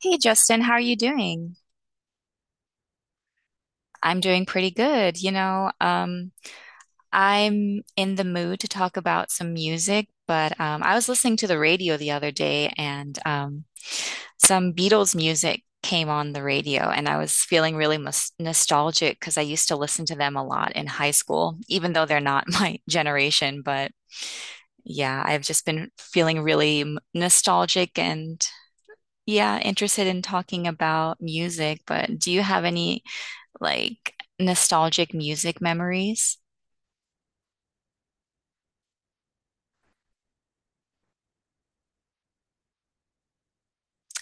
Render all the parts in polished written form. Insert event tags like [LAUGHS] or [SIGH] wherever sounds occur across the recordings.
Hey Justin, how are you doing? I'm doing pretty good. I'm in the mood to talk about some music, but I was listening to the radio the other day, and some Beatles music came on the radio, and I was feeling really mus nostalgic because I used to listen to them a lot in high school, even though they're not [LAUGHS] my generation. But yeah, I've just been feeling really nostalgic and, yeah, interested in talking about music. But do you have any like nostalgic music memories?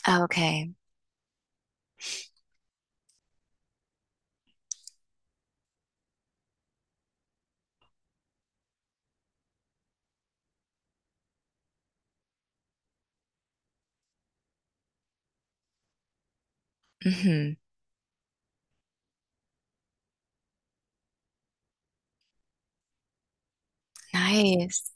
Okay. Hmm. Nice.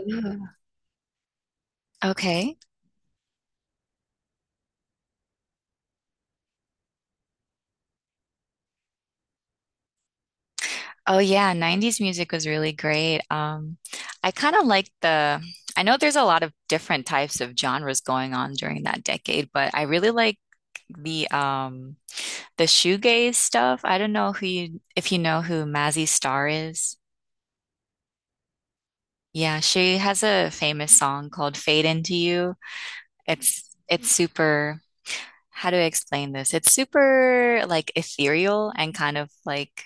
Ooh. Okay. Oh yeah, 90s music was really great. I kind of like the I know there's a lot of different types of genres going on during that decade, but I really like the um the shoegaze stuff. I don't know who you if you know who Mazzy Star is. Yeah, she has a famous song called Fade Into You. It's super, how do I explain this? It's super like ethereal, and kind of like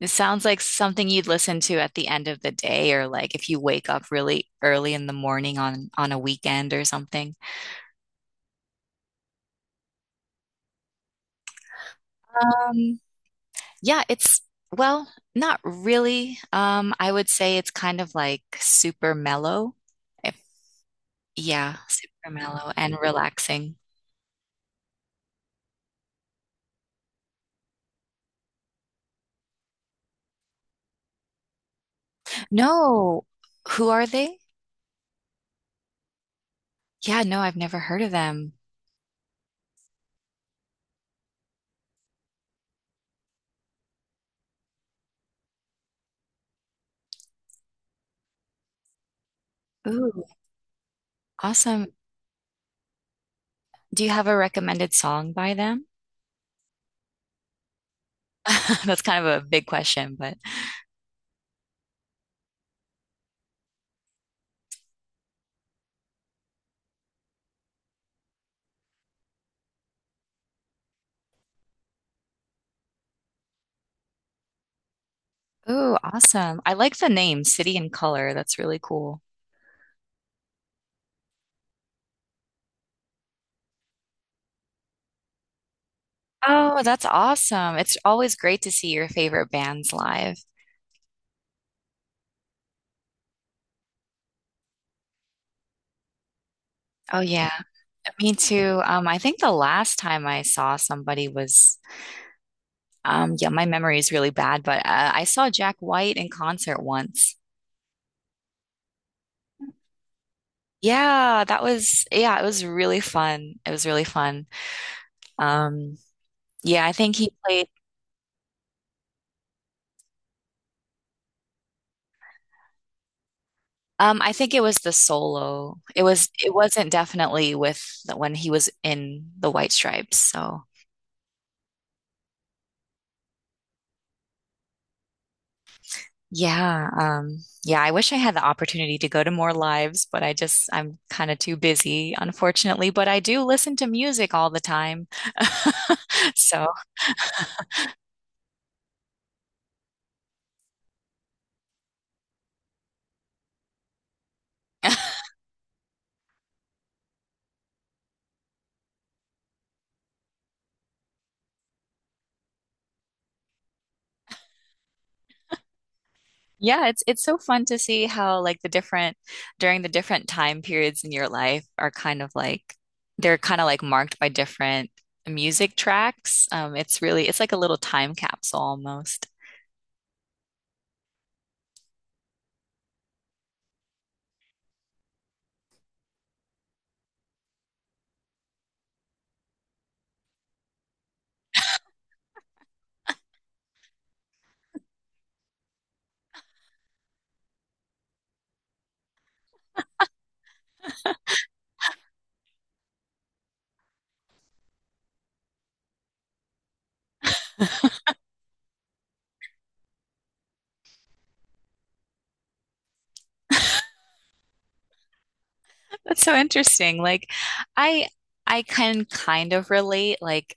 it sounds like something you'd listen to at the end of the day, or like if you wake up really early in the morning on a weekend or something. Um, yeah, well, not really. I would say it's kind of like super mellow. If yeah, super mellow and relaxing. No, who are they? Yeah, no, I've never heard of them. Ooh, awesome. Do you have a recommended song by them? [LAUGHS] That's kind of a big question, but oh, awesome. I like the name City and Color. That's really cool. Oh, that's awesome. It's always great to see your favorite bands live. Oh yeah, me too. I think the last time I saw somebody was, yeah, my memory is really bad, but I saw Jack White in concert once. Yeah, that was, yeah, it was really fun. It was really fun. Um, yeah, I think he played. I think it was the solo. It wasn't definitely with when he was in the White Stripes. So yeah, yeah. I wish I had the opportunity to go to more lives, but I'm kind of too busy, unfortunately. But I do listen to music all the time, [LAUGHS] so. Yeah, it's so fun to see how like the different during the different time periods in your life are kind of like they're kind of like marked by different music tracks. It's really it's like a little time capsule almost. [LAUGHS] That's so interesting. I I can kind of relate. Like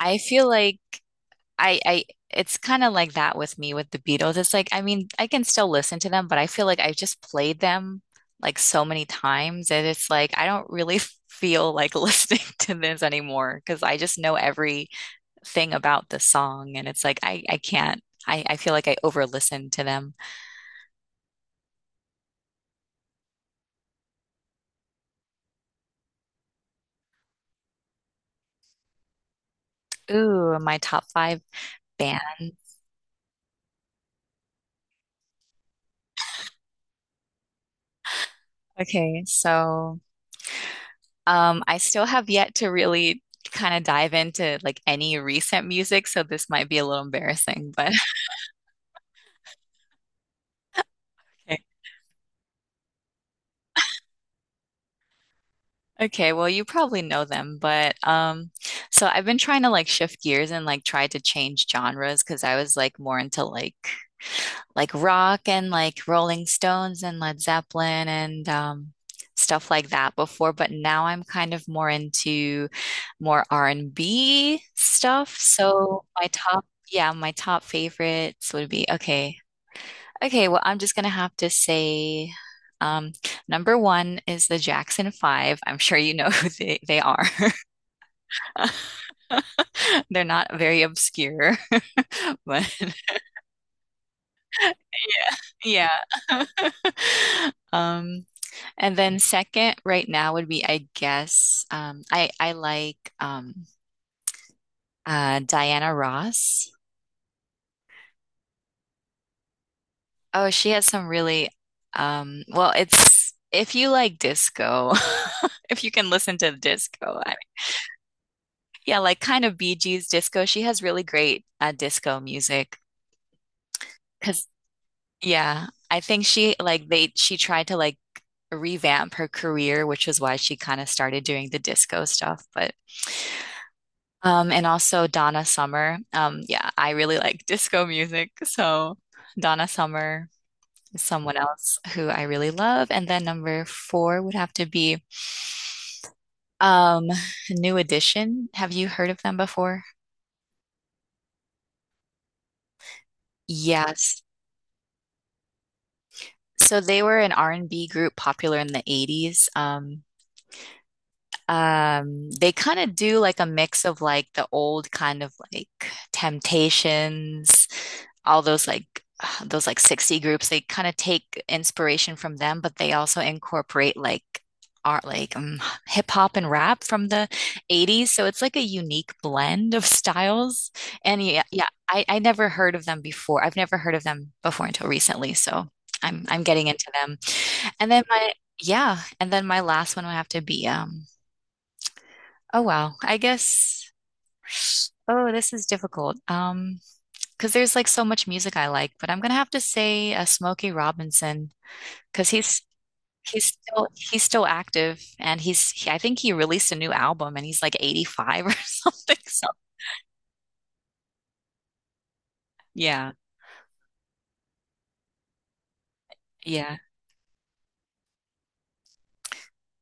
I feel like I it's kind of like that with me with the Beatles. It's like, I mean, I can still listen to them, but I feel like I've just played them like so many times that it's like I don't really [LAUGHS] feel like listening [LAUGHS] to this anymore, because I just know everything about the song, and it's like I can't. I feel like I over listen to them. Ooh, my top five band. Okay, so I still have yet to really kind of dive into like any recent music, so this might be a little embarrassing, but [LAUGHS] okay, well, you probably know them, but so I've been trying to like shift gears and like try to change genres, because I was like more into like rock and like Rolling Stones and Led Zeppelin and stuff like that before, but now I'm kind of more into more R&B stuff. So my top, yeah, my top favorites would be okay. Okay, well, I'm just gonna have to say, um, number one is the Jackson Five. I'm sure you know [LAUGHS] they are. [LAUGHS] They're not very obscure, [LAUGHS] but yeah. [LAUGHS] Um, and then second, right now would be, I guess, I like Diana Ross. Oh, she has some really, it's if you like disco, [LAUGHS] if you can listen to disco, yeah, like kind of Bee Gees disco. She has really great disco music. Cause yeah, I think she tried to like revamp her career, which is why she kind of started doing the disco stuff. But and also Donna Summer. Yeah, I really like disco music. So Donna Summer is someone else who I really love. And then number four would have to be um New Edition. Have you heard of them before? Yes. So they were an R&B group popular in the 80s. They kind of do like a mix of like the old kind of like Temptations, all those like [SIGHS] those like 60 groups. They kind of take inspiration from them, but they also incorporate like art, like um, hip hop and rap from the 80s. So it's like a unique blend of styles. And yeah, yeah, I never heard of them before. I've never heard of them before until recently. So I'm getting into them. And then my, yeah, and then my last one would have to be oh wow. I guess oh this is difficult. Because there's like so much music I like, but I'm gonna have to say Smokey Robinson, because he's still active, and I think he released a new album and he's like 85 or [LAUGHS] something. So yeah, yeah.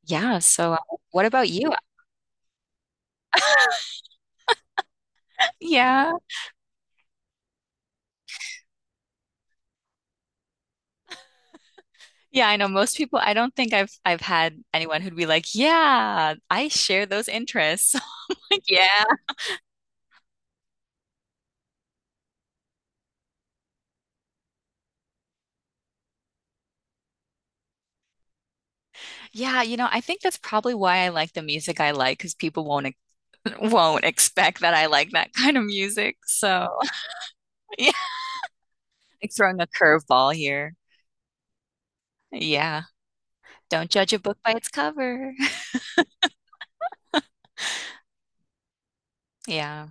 Yeah, so what about you? [LAUGHS] Yeah. Yeah, I know most people, I don't think I've had anyone who'd be like, "Yeah, I share those interests." [LAUGHS] Like, yeah. Yeah, you know, I think that's probably why I like the music I like, because people won't [LAUGHS] won't expect that I like that kind of music. So, [LAUGHS] yeah, like throwing a curveball here. Yeah, don't judge a book by its cover. [LAUGHS] Yeah.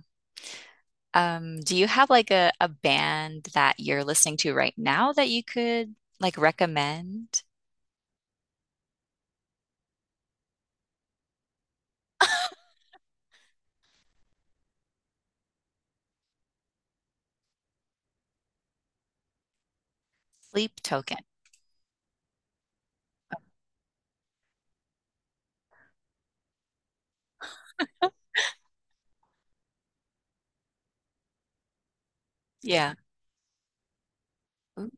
Do you have like a band that you're listening to right now that you could like recommend? Sleep Token. Yeah. Ooh.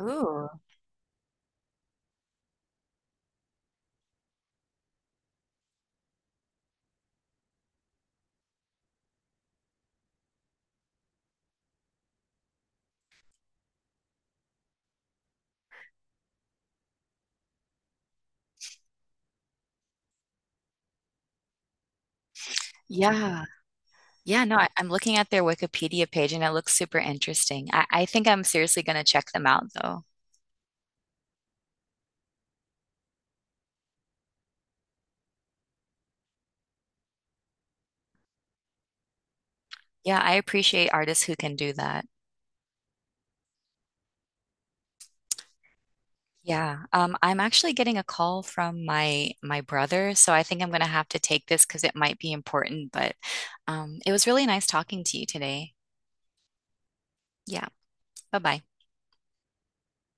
Ooh. Yeah. Yeah, no, I'm looking at their Wikipedia page and it looks super interesting. I think I'm seriously going to check them out though. Yeah, I appreciate artists who can do that. Yeah. I'm actually getting a call from my brother, so I think I'm gonna have to take this because it might be important, but it was really nice talking to you today. Yeah. Bye-bye.